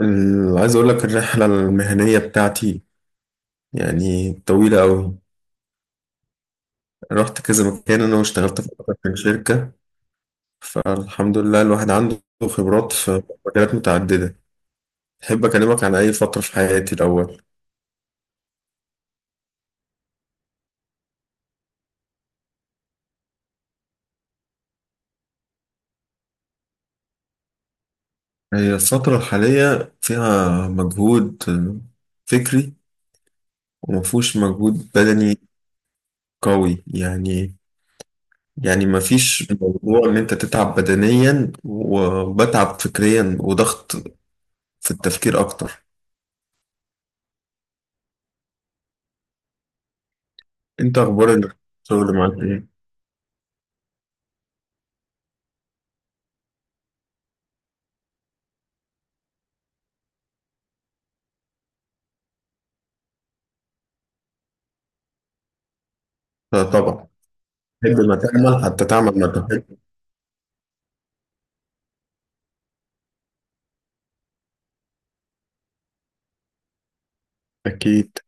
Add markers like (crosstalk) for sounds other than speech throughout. عايز اقول لك الرحله المهنيه بتاعتي يعني طويله قوي. رحت كذا مكان انا واشتغلت في اكتر من شركه، فالحمد لله الواحد عنده خبرات في مجالات متعدده. احب اكلمك عن اي فتره في حياتي الاول. هي الفتره الحاليه فيها مجهود فكري ومفهوش مجهود بدني قوي يعني. مفيش موضوع ان انت تتعب بدنيا وبتعب فكريا وضغط في التفكير اكتر. انت اخبار الشغل معاك ايه؟ آه، طبعا. تحب ما تعمل حتى تعمل ما تحب. اكيد.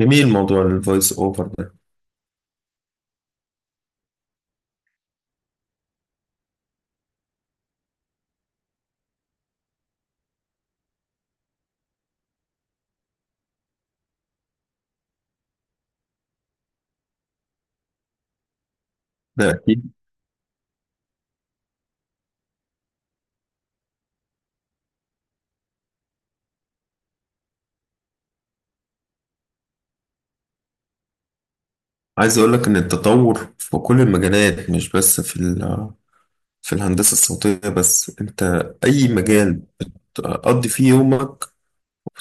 جميل موضوع الفويس اوفر ده. ده اكيد. عايز اقول لك ان التطور في كل المجالات مش بس في في الهندسه الصوتيه بس. انت اي مجال تقضي فيه يومك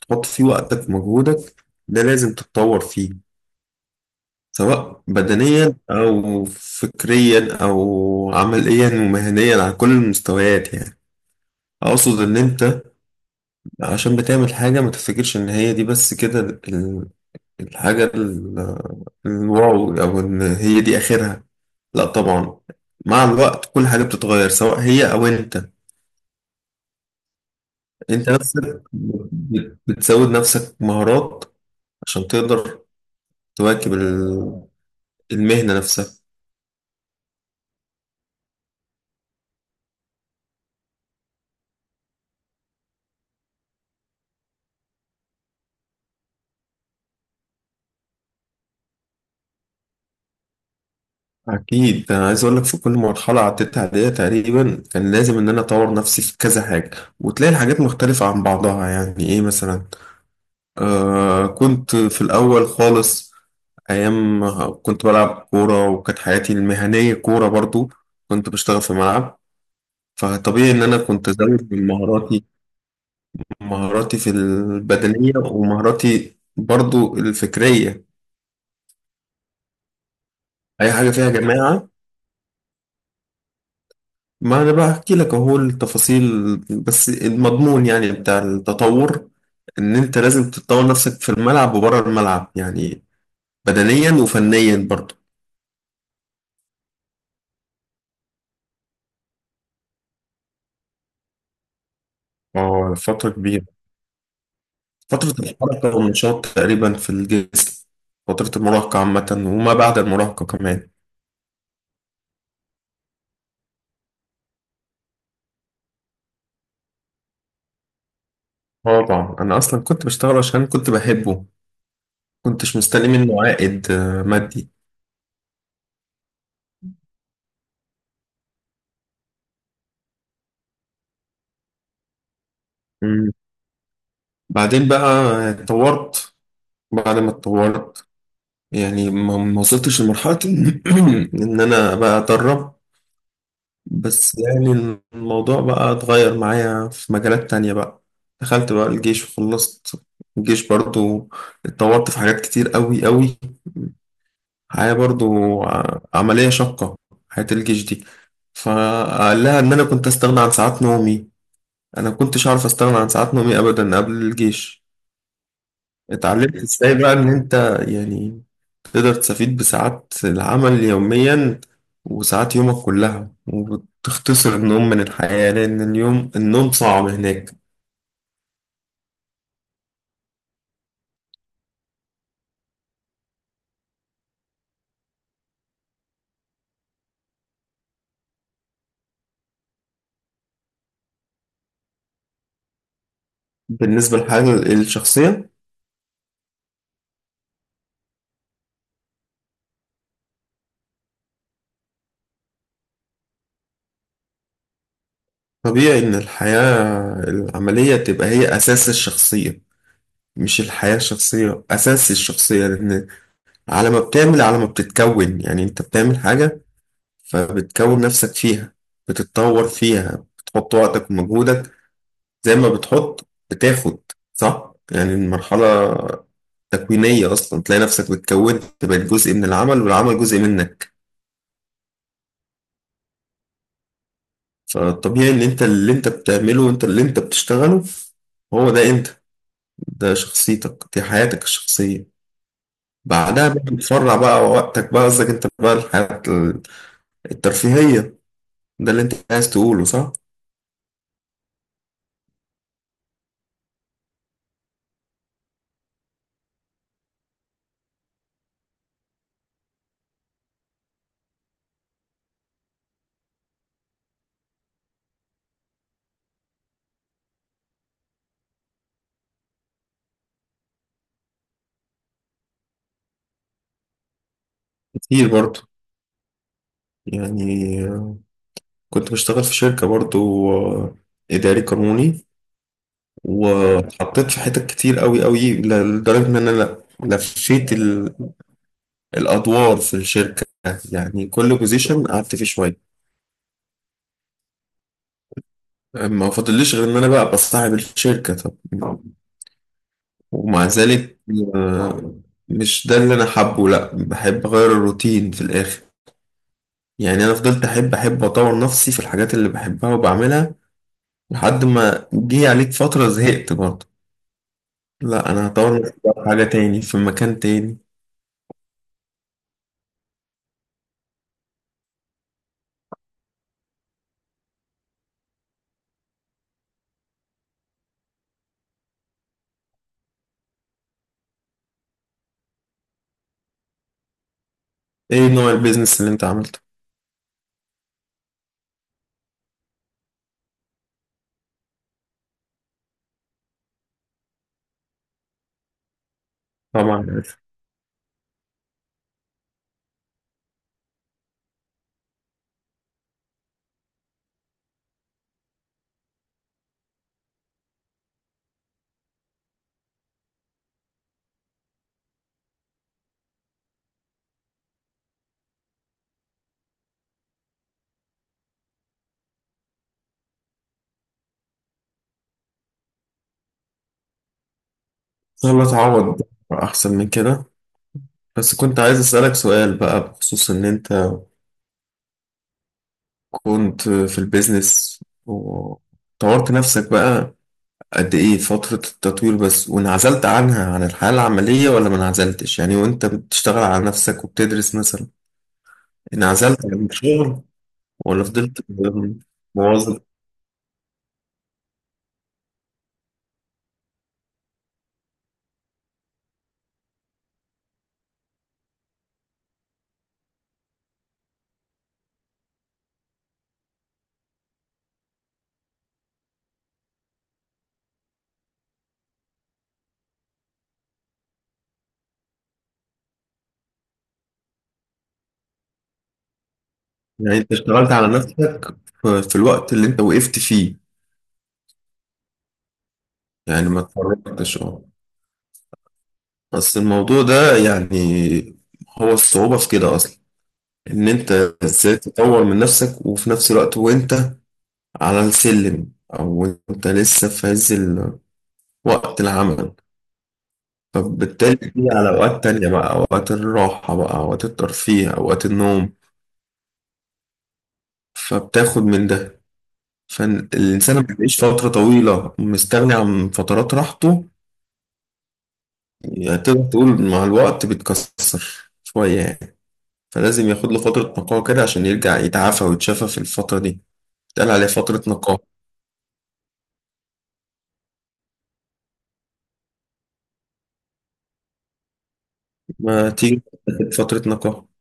تحط فيه وقتك ومجهودك ده لازم تتطور فيه، سواء بدنيا او فكريا او عمليا ومهنيا على كل المستويات يعني. اقصد ان انت عشان بتعمل حاجة ما تفتكرش إن هي دي بس كده الحاجة الواو أو إن هي دي آخرها. لا طبعا، مع الوقت كل حاجة بتتغير سواء هي أو أنت. أنت نفسك بتزود نفسك مهارات عشان تقدر تواكب المهنة نفسها. أكيد، أنا عايز أقول لك في كل مرحلة عديت عليها تقريبا كان لازم إن أنا أطور نفسي في كذا حاجة. وتلاقي الحاجات مختلفة عن بعضها، يعني إيه مثلا؟ آه، كنت في الأول خالص أيام كنت بلعب كورة، وكانت حياتي المهنية كورة برضو. كنت بشتغل في ملعب. فطبيعي إن أنا كنت زود من مهاراتي، مهاراتي في البدنية ومهاراتي برضو الفكرية. أي حاجة فيها جماعة. ما أنا بقى أحكي لك أهو التفاصيل، بس المضمون يعني بتاع التطور، إن أنت لازم تطور نفسك في الملعب وبره الملعب يعني بدنيا وفنيا برضو. اه، فترة كبيرة. فترة الحركة والنشاط تقريبا في الجسم، فترة المراهقة عامة وما بعد المراهقة كمان. اه طبعا، أنا أصلا كنت بشتغل عشان كنت بحبه. كنتش مستني منه عائد مادي. مم. بعدين بقى اتطورت. بعد ما اتطورت، يعني ما وصلتش لمرحلة إن (clears throat) إن أنا بقى أدرب. بس يعني الموضوع بقى اتغير معايا في مجالات تانية بقى. دخلت بقى الجيش وخلصت الجيش برضو. اتطورت في حاجات كتير قوي قوي. حاجة برضو عملية شاقة حياة الجيش دي. فقال لها إن أنا كنت أستغنى عن ساعات نومي. أنا كنتش عارف أستغنى عن ساعات نومي أبدا قبل الجيش. اتعلمت إزاي بقى إن أنت يعني تقدر تستفيد بساعات العمل يوميا وساعات يومك كلها، وتختصر النوم من الحياة لأن اليوم النوم صعب هناك. بالنسبة للحياة الشخصية، طبيعي إن الحياة العملية تبقى هي أساس الشخصية، مش الحياة الشخصية أساس الشخصية، لأن على ما بتعمل على ما بتتكون. يعني أنت بتعمل حاجة فبتكون نفسك فيها، بتتطور فيها، بتحط وقتك ومجهودك، زي ما بتحط بتاخد. صح، يعني المرحلة تكوينية أصلا. تلاقي نفسك بتكون تبقى جزء من العمل والعمل جزء منك. فالطبيعي إن أنت اللي أنت بتعمله وأنت اللي أنت بتشتغله، هو ده أنت، ده شخصيتك، دي حياتك الشخصية. بعدها بقى بتفرع بقى وقتك بقى قصدك انت بقى الحياة الترفيهية، ده اللي انت عايز تقوله صح؟ كتير برضو. يعني كنت بشتغل في شركة برضو. آه، إداري قانوني. واتحطيت في حتت كتير قوي قوي، لدرجة إن أنا لفيت الأدوار في الشركة. يعني كل بوزيشن قعدت فيه شوية. ما فاضليش غير إن أنا بقى بصاحب الشركة طب. ومع ذلك آه، مش ده اللي أنا حابه. لأ، بحب أغير الروتين في الآخر. يعني أنا فضلت أحب أطور نفسي في الحاجات اللي بحبها وبعملها لحد ما جه عليك فترة زهقت برضه. لا، أنا هطور نفسي بقى في حاجة تاني في مكان تاني. إيه نوع البيزنس اللي أنت عملته؟ طبعا عارف. إن شاء الله تعوض أحسن من كده. بس كنت عايز أسألك سؤال بقى بخصوص إن أنت كنت في البيزنس وطورت نفسك بقى، قد إيه فترة التطوير بس وانعزلت عنها عن الحياة العملية ولا ما انعزلتش؟ يعني وأنت بتشتغل على نفسك وبتدرس مثلا، انعزلت عن الشغل ولا فضلت موظف؟ يعني انت اشتغلت على نفسك في الوقت اللي انت وقفت فيه. يعني ما اتفرجتش اه. بس الموضوع ده يعني هو الصعوبة في كده اصلا، ان انت ازاي تطور من نفسك وفي نفس الوقت وانت على السلم او انت لسه في عز وقت العمل. فبالتالي دي على اوقات تانية بقى، اوقات الراحة بقى، اوقات الترفيه، اوقات النوم. فبتاخد من ده. فالإنسان ما بيعيش فترة طويلة مستغني عن فترات راحته. يعني تقدر تقول مع الوقت بيتكسر شوية يعني. فلازم ياخد له فترة نقاهة كده عشان يرجع يتعافى ويتشافى في الفترة دي، اتقال عليه فترة نقاهة. ما تيجي تاخد فترة نقاهة.